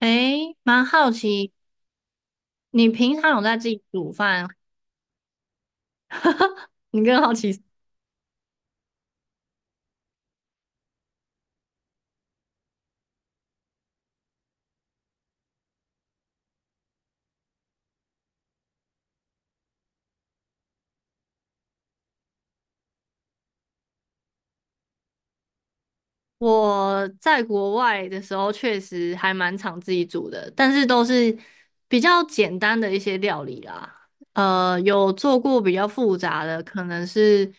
诶，蛮好奇，你平常有在自己煮饭？你更好奇。 我在国外的时候，确实还蛮常自己煮的，但是都是比较简单的一些料理啦。有做过比较复杂的，可能是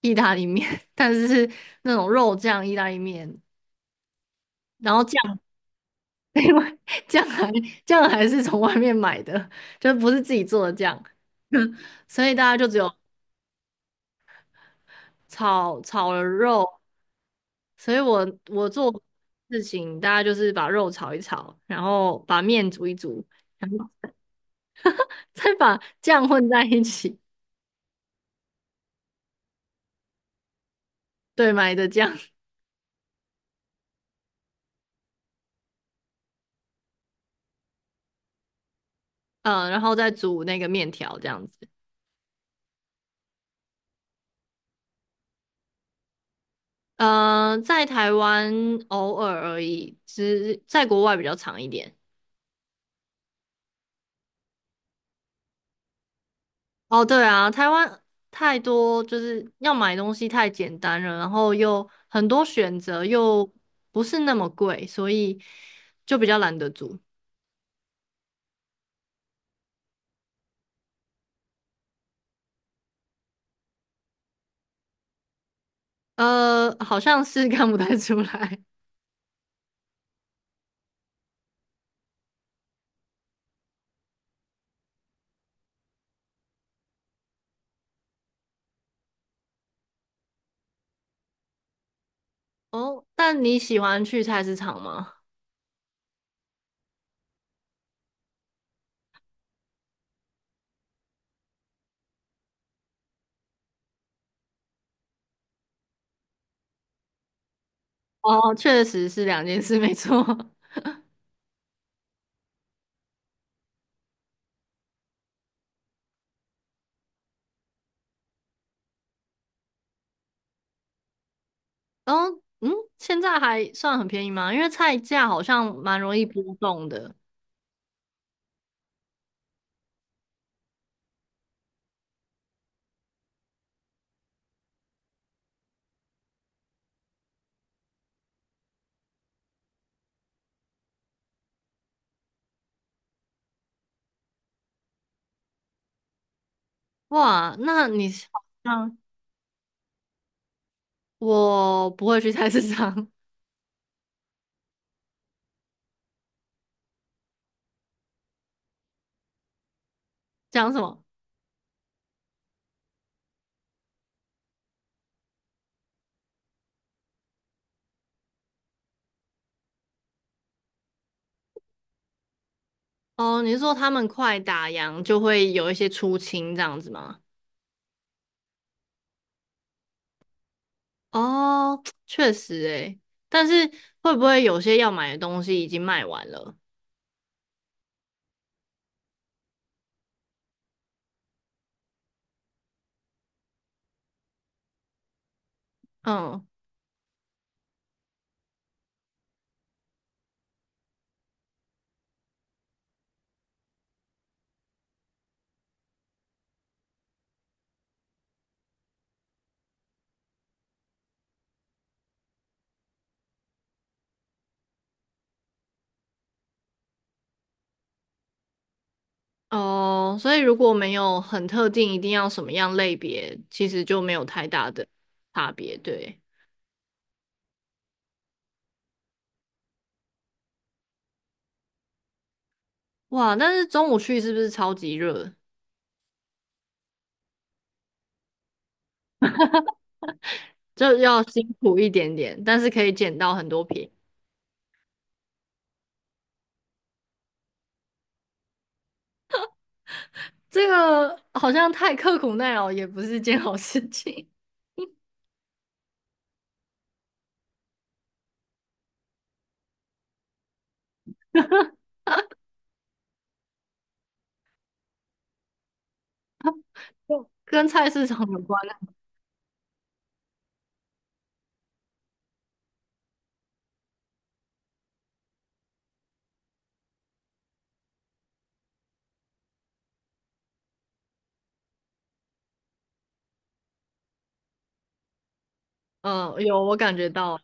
意大利面，但是是那种肉酱意大利面，然后酱，另外酱还酱还是从外面买的，就不是自己做的酱。所以大家就只有炒了肉，所以我做事情，大家就是把肉炒一炒，然后把面煮一煮，然后 再把酱混在一起。对，买的酱。嗯，然后再煮那个面条这样子。在台湾偶尔而已，只在国外比较长一点。哦，对啊，台湾太多，就是要买东西太简单了，然后又很多选择，又不是那么贵，所以就比较懒得煮。好像是 看不太出来哦。但你喜欢去菜市场吗？哦，确实是两件事，没错。哦，嗯，现在还算很便宜吗？因为菜价好像蛮容易波动的。哇，那你是好像我不会去菜市场。讲什么？哦，你是说他们快打烊就会有一些出清这样子吗？哦，确实诶，但是会不会有些要买的东西已经卖完了？嗯。哦，所以如果没有很特定，一定要什么样类别，其实就没有太大的差别。对，哇，但是中午去是不是超级热？这要辛苦一点点，但是可以捡到很多便宜。这个好像太刻苦耐劳也不是件好事情。跟菜市场有关的。嗯，有，我感觉到。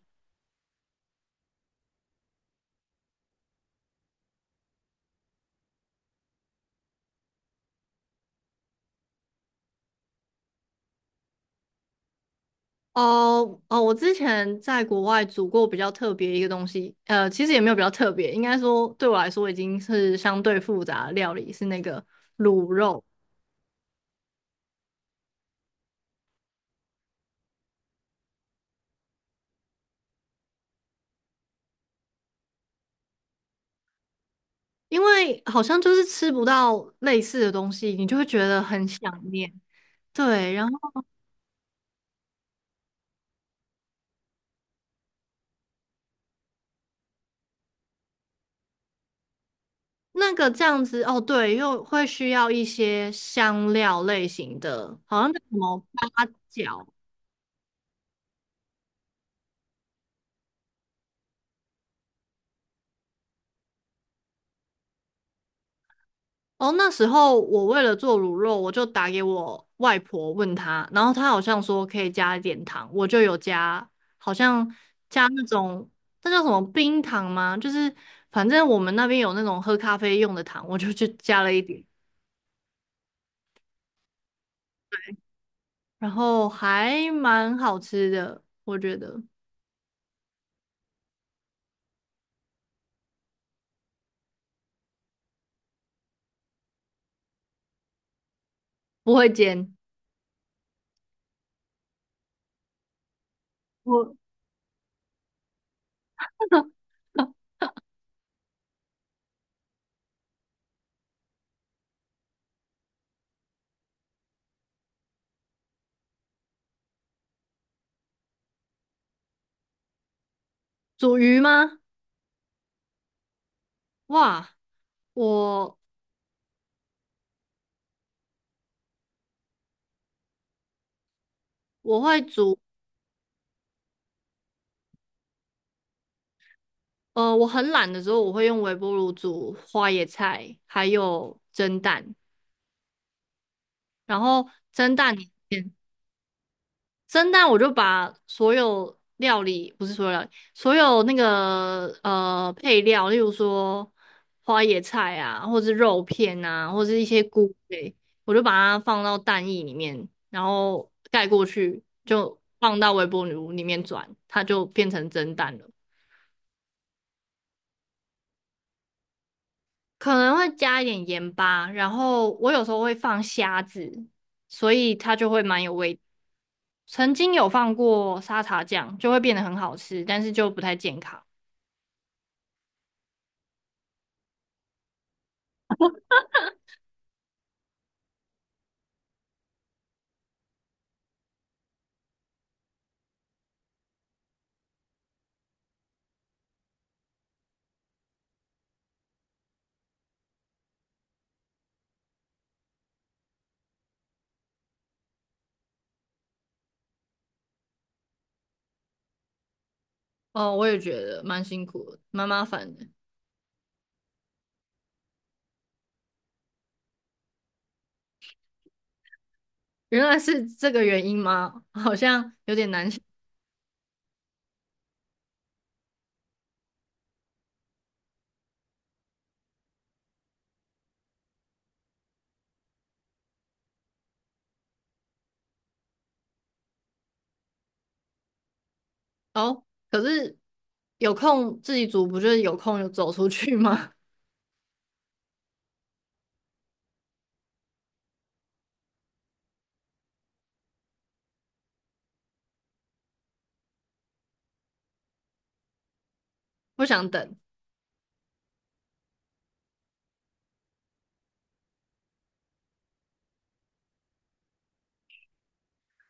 哦哦，我之前在国外煮过比较特别一个东西，其实也没有比较特别，应该说对我来说已经是相对复杂的料理，是那个卤肉。因为好像就是吃不到类似的东西，你就会觉得很想念。对，然后那个这样子，哦，对，又会需要一些香料类型的，好像叫什么八角。哦，那时候我为了做卤肉，我就打给我外婆问她，然后她好像说可以加一点糖，我就有加，好像加那种那叫什么冰糖吗？就是反正我们那边有那种喝咖啡用的糖，我就去 加了一点，然后还蛮好吃的，我觉得不会煎。我煮鱼吗？哇，我我会煮，我很懒的时候，我会用微波炉煮花椰菜，还有蒸蛋。然后蒸蛋里面，蒸蛋我就把所有料理，不是所有料理，所有那个配料，例如说花椰菜啊，或是肉片啊，或是一些菇类，我就把它放到蛋液里面，然后盖过去，就放到微波炉里面转，它就变成蒸蛋了。可能会加一点盐巴，然后我有时候会放虾子，所以它就会蛮有味。曾经有放过沙茶酱，就会变得很好吃，但是就不太健康。哦，我也觉得蛮辛苦的，蛮麻烦的。原来是这个原因吗？好像有点难想哦。可是有空自己煮，不就是有空就走出去吗？不想等。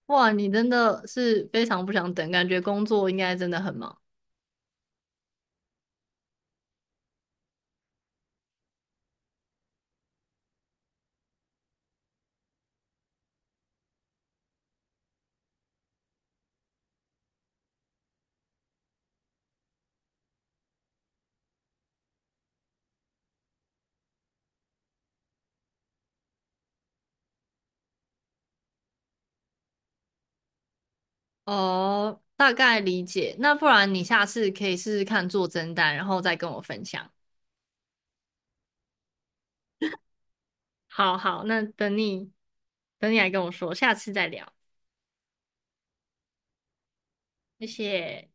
哇，你真的是非常不想等，感觉工作应该真的很忙。哦，大概理解。那不然你下次可以试试看做蒸蛋，然后再跟我分享。好好，那等你来跟我说，下次再聊，谢谢。